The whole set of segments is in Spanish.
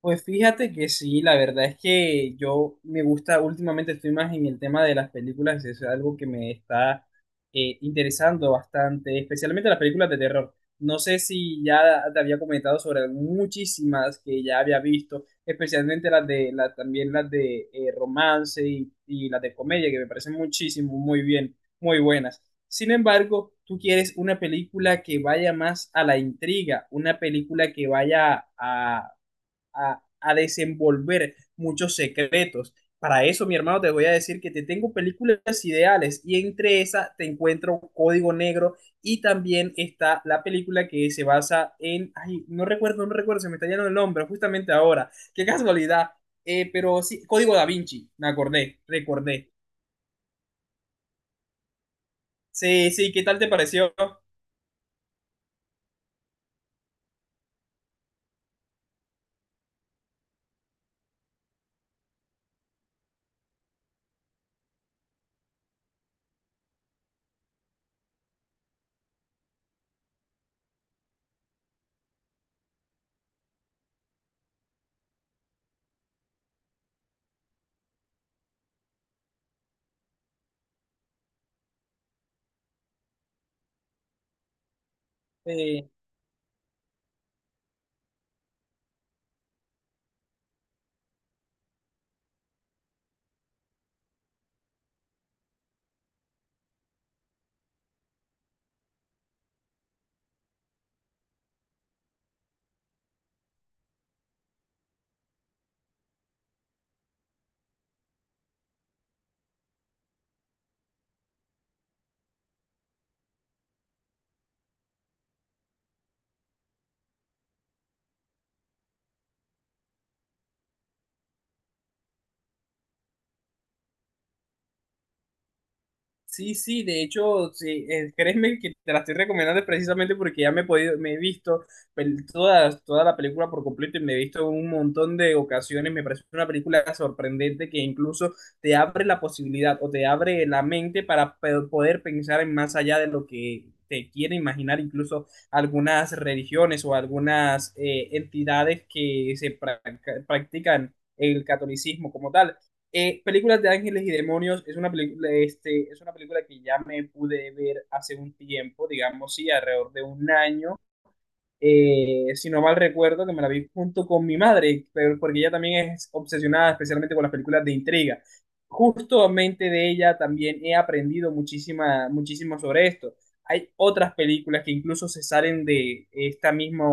Pues fíjate que sí, la verdad es que yo me gusta, últimamente estoy más en el tema de las películas, es algo que me está interesando bastante, especialmente las películas de terror. No sé si ya te había comentado sobre muchísimas que ya había visto, especialmente las también las de romance y las de comedia, que me parecen muchísimo, muy bien, muy buenas. Sin embargo, tú quieres una película que vaya más a la intriga, una película que vaya a desenvolver muchos secretos. Para eso, mi hermano, te voy a decir que te tengo películas ideales y entre esas te encuentro Código Negro y también está la película que se basa en, ay, no recuerdo, no recuerdo, se me está yendo el nombre justamente ahora. Qué casualidad. Pero sí, Código Da Vinci, me acordé, recordé. Sí, sí, ¿qué tal te pareció? Eh, Sí, sí, de hecho, sí, créeme que te la estoy recomendando precisamente porque ya me he podido, me he visto toda la película por completo y me he visto un montón de ocasiones. Me parece una película sorprendente que incluso te abre la posibilidad o te abre la mente para poder pensar en más allá de lo que te quiere imaginar, incluso algunas religiones o algunas entidades que se practican el catolicismo como tal. Películas de Ángeles y Demonios es es una película que ya me pude ver hace un tiempo, digamos, sí, alrededor de un año. Si no mal recuerdo, que me la vi junto con mi madre, pero porque ella también es obsesionada especialmente con las películas de intriga. Justamente de ella también he aprendido muchísimo sobre esto. Hay otras películas que incluso se salen de esta misma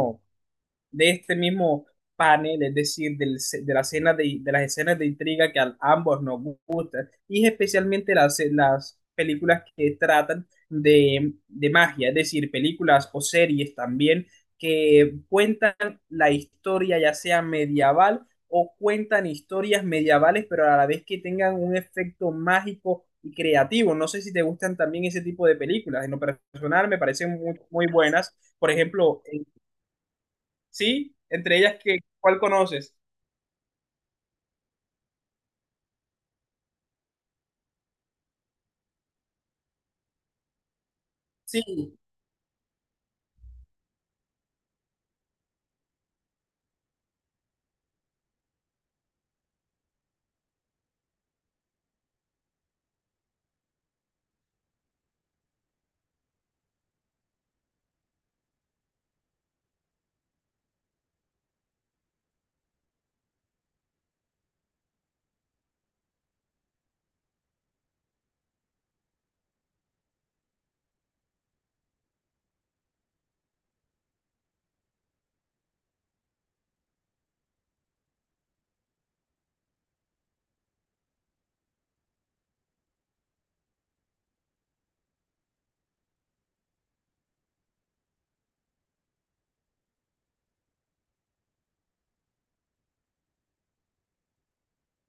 de este mismo panel, es decir, del ce- de, la escena de las escenas de intriga que a ambos nos gustan, y especialmente las películas que tratan de magia, es decir, películas o series también que cuentan la historia ya sea medieval o cuentan historias medievales, pero a la vez que tengan un efecto mágico y creativo. No sé si te gustan también ese tipo de películas. En lo personal me parecen muy, muy buenas. Por ejemplo. Sí, entre ellas, ¿cuál conoces? Sí,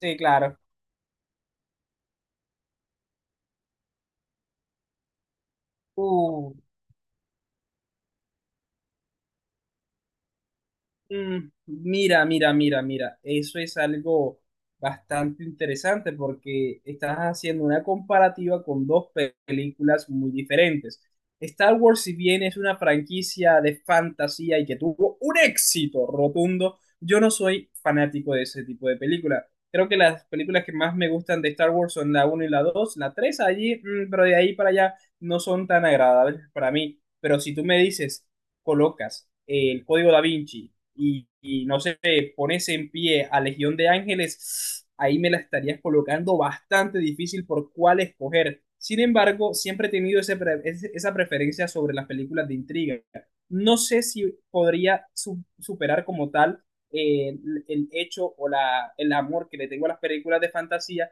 sí, claro. Uh, Mm, Mira, mira, mira, mira, eso es algo bastante interesante porque estás haciendo una comparativa con dos películas muy diferentes. Star Wars, si bien es una franquicia de fantasía y que tuvo un éxito rotundo, yo no soy fanático de ese tipo de película. Creo que las películas que más me gustan de Star Wars son la uno y la 2 la 3 allí, pero de ahí para allá no son tan agradables para mí. Pero si tú me dices colocas el código Da Vinci y no sé, pones en pie a Legión de Ángeles, ahí me la estarías colocando bastante difícil por cuál escoger. Sin embargo, siempre he tenido esa preferencia sobre las películas de intriga. No sé si podría superar como tal el hecho o el amor que le tengo a las películas de fantasía,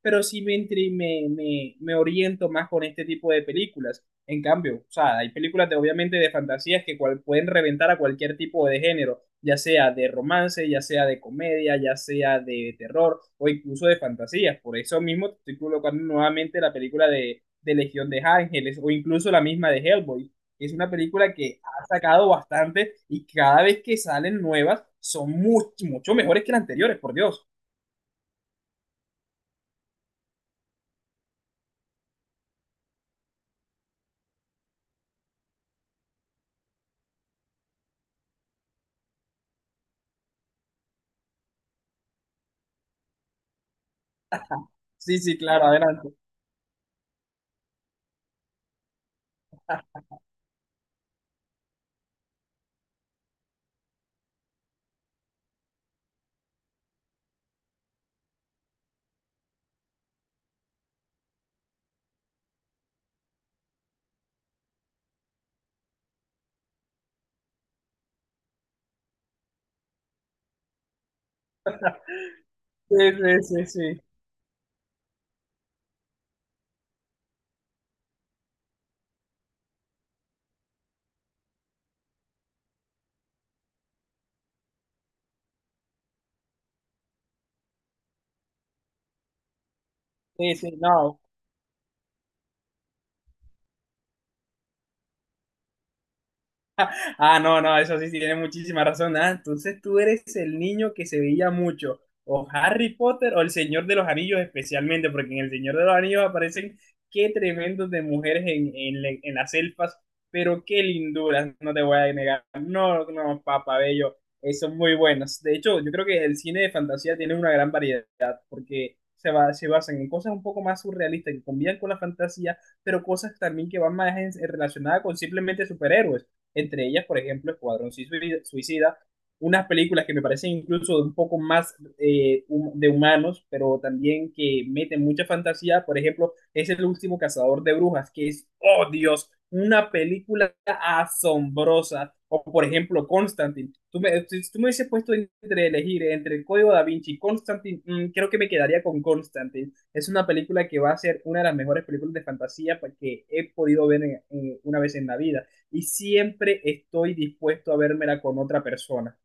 pero sí me, intri- me oriento más con este tipo de películas. En cambio, o sea, hay películas de, obviamente de fantasías que pueden reventar a cualquier tipo de género ya sea de romance, ya sea de comedia, ya sea de terror o incluso de fantasías. Por eso mismo te estoy colocando nuevamente la película de Legión de Ángeles o incluso la misma de Hellboy. Es una película que ha sacado bastante y cada vez que salen nuevas son mucho, mucho mejores que las anteriores, por Dios. Sí, sí, claro, adelante. Sí, sí, sí, sí. Sí, sí, no, ah, no, no, eso sí tiene muchísima razón. Ah, entonces tú eres el niño que se veía mucho. O Harry Potter o el Señor de los Anillos especialmente, porque en el Señor de los Anillos aparecen qué tremendos de mujeres en las elfas, pero qué linduras, no te voy a negar. No, no, papá bello, son muy buenos. De hecho, yo creo que el cine de fantasía tiene una gran variedad, porque se basan en cosas un poco más surrealistas que combinan con la fantasía, pero cosas también que van más relacionadas con simplemente superhéroes entre ellas, por ejemplo, Escuadrón Suicida, unas películas que me parecen incluso un poco más de humanos, pero también que meten mucha fantasía. Por ejemplo, es El último cazador de brujas, que es, oh Dios, una película asombrosa. O por ejemplo, Constantine. Si tú me hubieses puesto entre elegir entre el Código da Vinci y Constantine, creo que me quedaría con Constantine. Es una película que va a ser una de las mejores películas de fantasía que he podido ver una vez en la vida y siempre estoy dispuesto a vérmela con otra persona.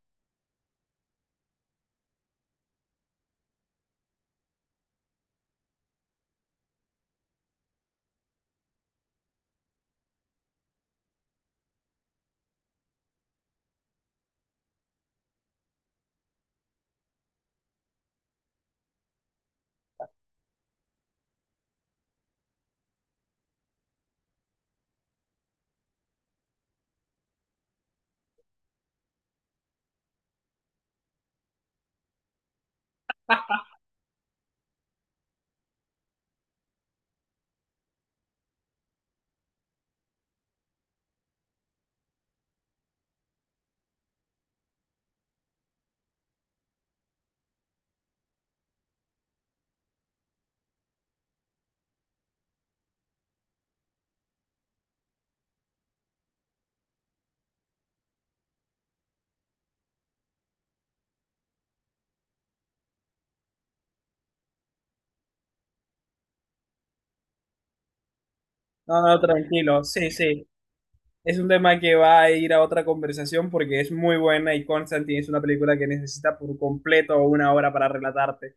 No, no, tranquilo, sí, sí. Es un tema que va a ir a otra conversación porque es muy buena y Constantine es una película que necesita por completo una hora para relatarte.